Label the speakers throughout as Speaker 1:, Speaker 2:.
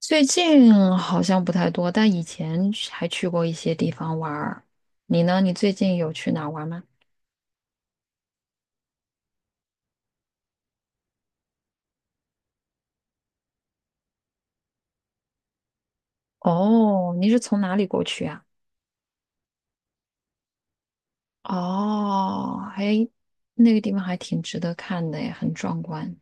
Speaker 1: 最近好像不太多，但以前去还去过一些地方玩儿。你呢？你最近有去哪儿玩吗？哦，你是从哪里过去啊？哦，那个地方还挺值得看的耶，很壮观。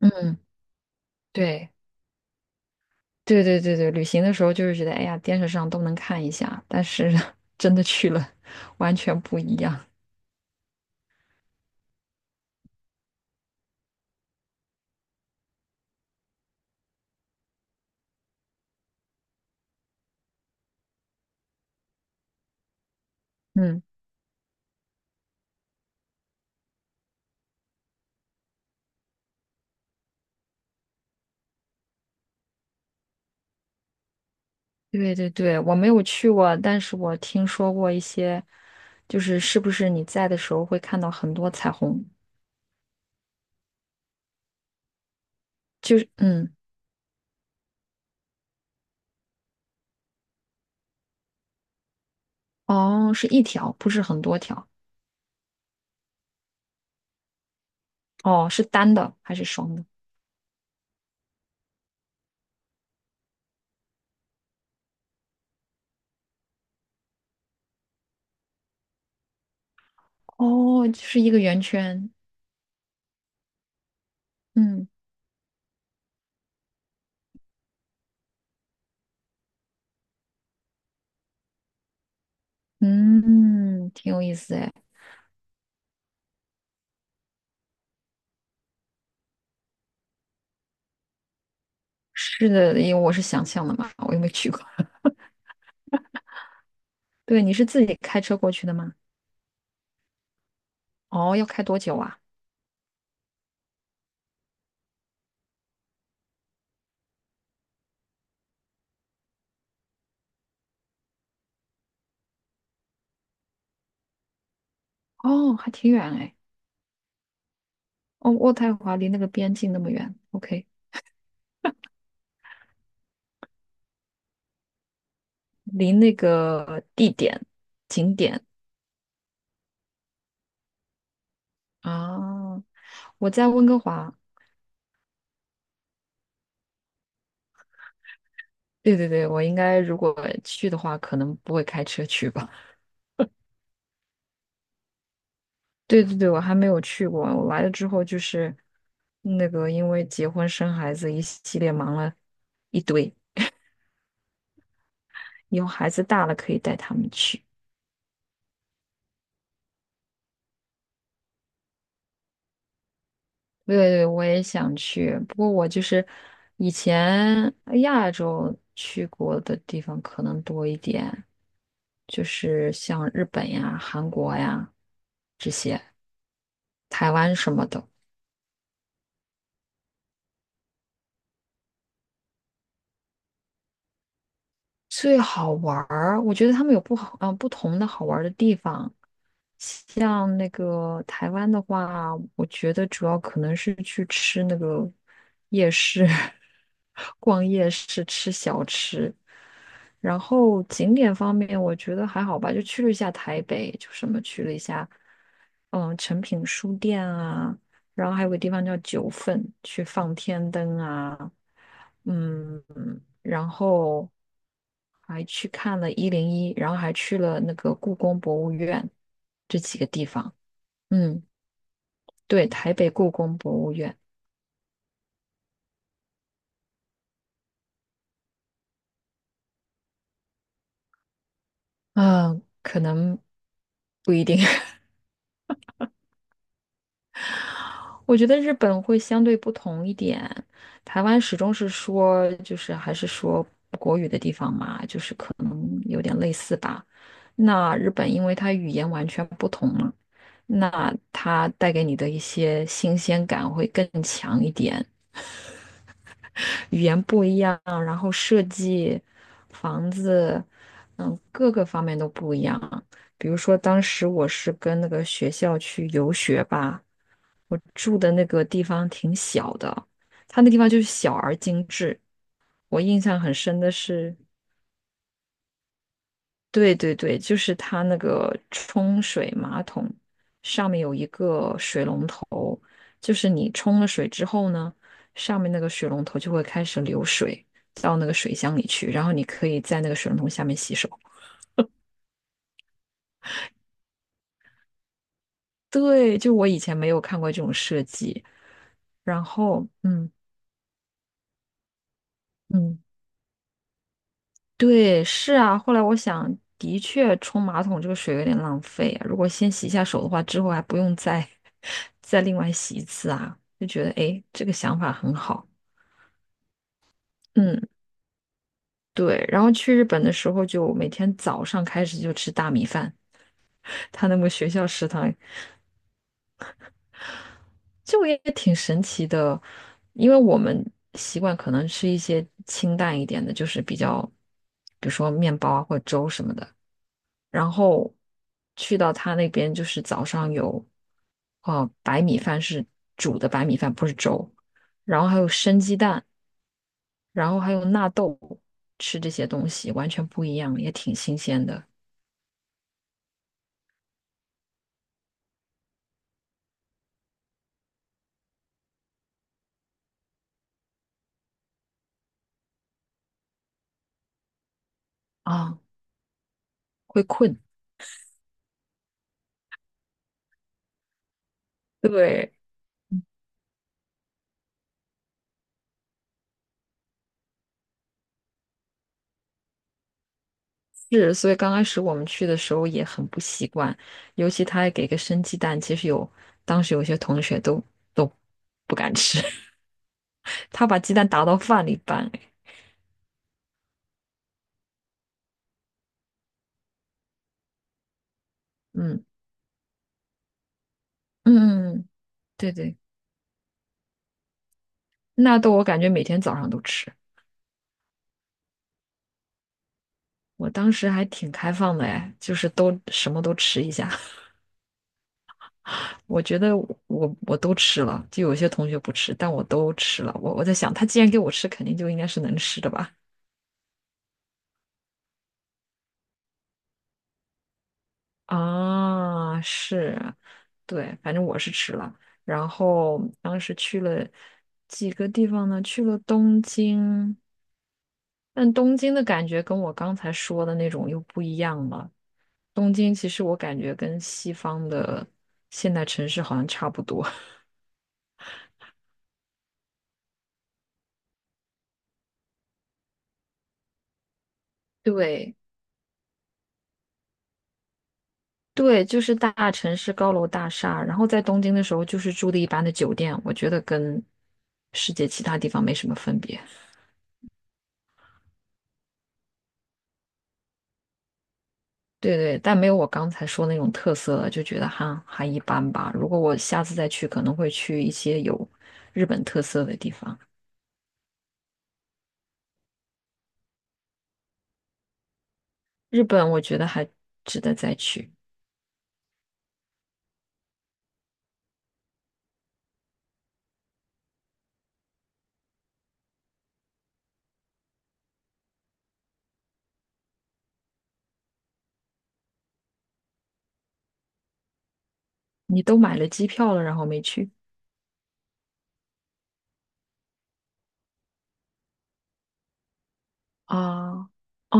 Speaker 1: 嗯，对，对对对对，旅行的时候就是觉得，哎呀，电视上都能看一下，但是 真的去了，完全不一样。嗯。对对对，我没有去过，但是我听说过一些，就是是不是你在的时候会看到很多彩虹？就是嗯，哦，是一条，不是很多条。哦，是单的还是双的？哦，就是一个圆圈。嗯嗯，挺有意思哎。是的，因为我是想象的嘛，我又没去过。对，你是自己开车过去的吗？哦，要开多久啊？哦，还挺远哎。哦，渥太华离那个边境那么远。OK。离那个景点啊，我在温哥华。对对对，我应该如果去的话，可能不会开车去吧。对对对，我还没有去过。我来了之后就是那个，因为结婚生孩子一系列忙了一堆，以后孩子大了可以带他们去。对对，我也想去，不过我就是以前亚洲去过的地方可能多一点，就是像日本呀、韩国呀这些，台湾什么的。最好玩儿，我觉得他们有不好，嗯、不同的好玩儿的地方。像那个台湾的话，我觉得主要可能是去吃那个夜市，逛夜市吃小吃。然后景点方面，我觉得还好吧，就去了一下台北，就什么去了一下，嗯，诚品书店啊，然后还有个地方叫九份，去放天灯啊，嗯，然后。还去看了101，然后还去了那个故宫博物院这几个地方。嗯，对，台北故宫博物院，嗯，可能不一定。我觉得日本会相对不同一点，台湾始终是说，就是还是说国语的地方嘛，就是可能有点类似吧。那日本因为它语言完全不同嘛，那它带给你的一些新鲜感会更强一点。语言不一样，然后设计房子，各个方面都不一样。比如说，当时我是跟那个学校去游学吧，我住的那个地方挺小的，它那地方就是小而精致。我印象很深的是，对对对，就是它那个冲水马桶上面有一个水龙头，就是你冲了水之后呢，上面那个水龙头就会开始流水到那个水箱里去，然后你可以在那个水龙头下面洗手。对，就我以前没有看过这种设计，然后嗯嗯。对，是啊。后来我想，的确冲马桶这个水有点浪费啊。如果先洗一下手的话，之后还不用再 再另外洗一次啊，就觉得诶，这个想法很好。嗯，对。然后去日本的时候，就每天早上开始就吃大米饭，他那个学校食堂，就也挺神奇的，因为我们习惯可能吃一些清淡一点的，就是比较，比如说面包啊或者粥什么的。然后去到他那边就是早上有哦白米饭是煮的白米饭，不是粥，然后还有生鸡蛋，然后还有纳豆，吃这些东西完全不一样，也挺新鲜的啊，会困。对，是，所以刚开始我们去的时候也很不习惯，尤其他还给个生鸡蛋，其实当时有些同学都都不敢吃，他把鸡蛋打到饭里拌，哎嗯嗯嗯，嗯对对。纳豆我感觉每天早上都吃，我当时还挺开放的哎，就是都什么都吃一下。我觉得我都吃了，就有些同学不吃，但我都吃了。我在想，他既然给我吃，肯定就应该是能吃的吧？啊，是，对，反正我是吃了。然后当时去了几个地方呢？去了东京，但东京的感觉跟我刚才说的那种又不一样了。东京其实我感觉跟西方的现代城市好像差不多。对对，就是大城市高楼大厦，然后在东京的时候就是住的一般的酒店，我觉得跟世界其他地方没什么分别。对对，但没有我刚才说那种特色了，就觉得哈还一般吧。如果我下次再去，可能会去一些有日本特色的地方。日本我觉得还值得再去。你都买了机票了，然后没去啊？啊，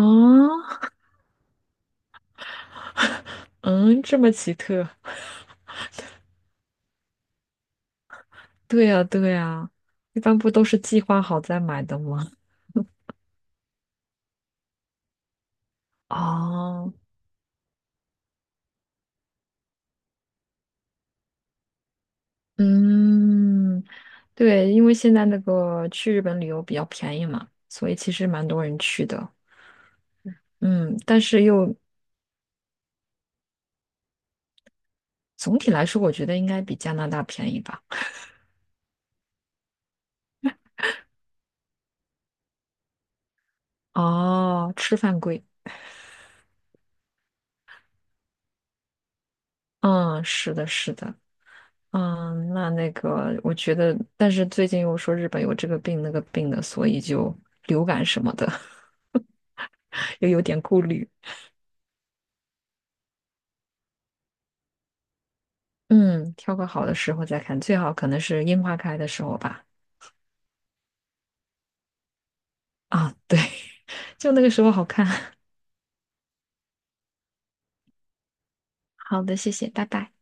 Speaker 1: 嗯，这么奇特。对呀，对呀，一般不都是计划好再买的吗？啊？嗯，对，因为现在那个去日本旅游比较便宜嘛，所以其实蛮多人去的。嗯，但是又总体来说，我觉得应该比加拿大便宜吧。哦，吃饭贵。嗯，是的，是的。嗯，那个，我觉得，但是最近又说日本有这个病那个病的，所以就流感什么的 又有点顾虑。嗯，挑个好的时候再看，最好可能是樱花开的时候吧。啊，对，就那个时候好看。好的，谢谢，拜拜。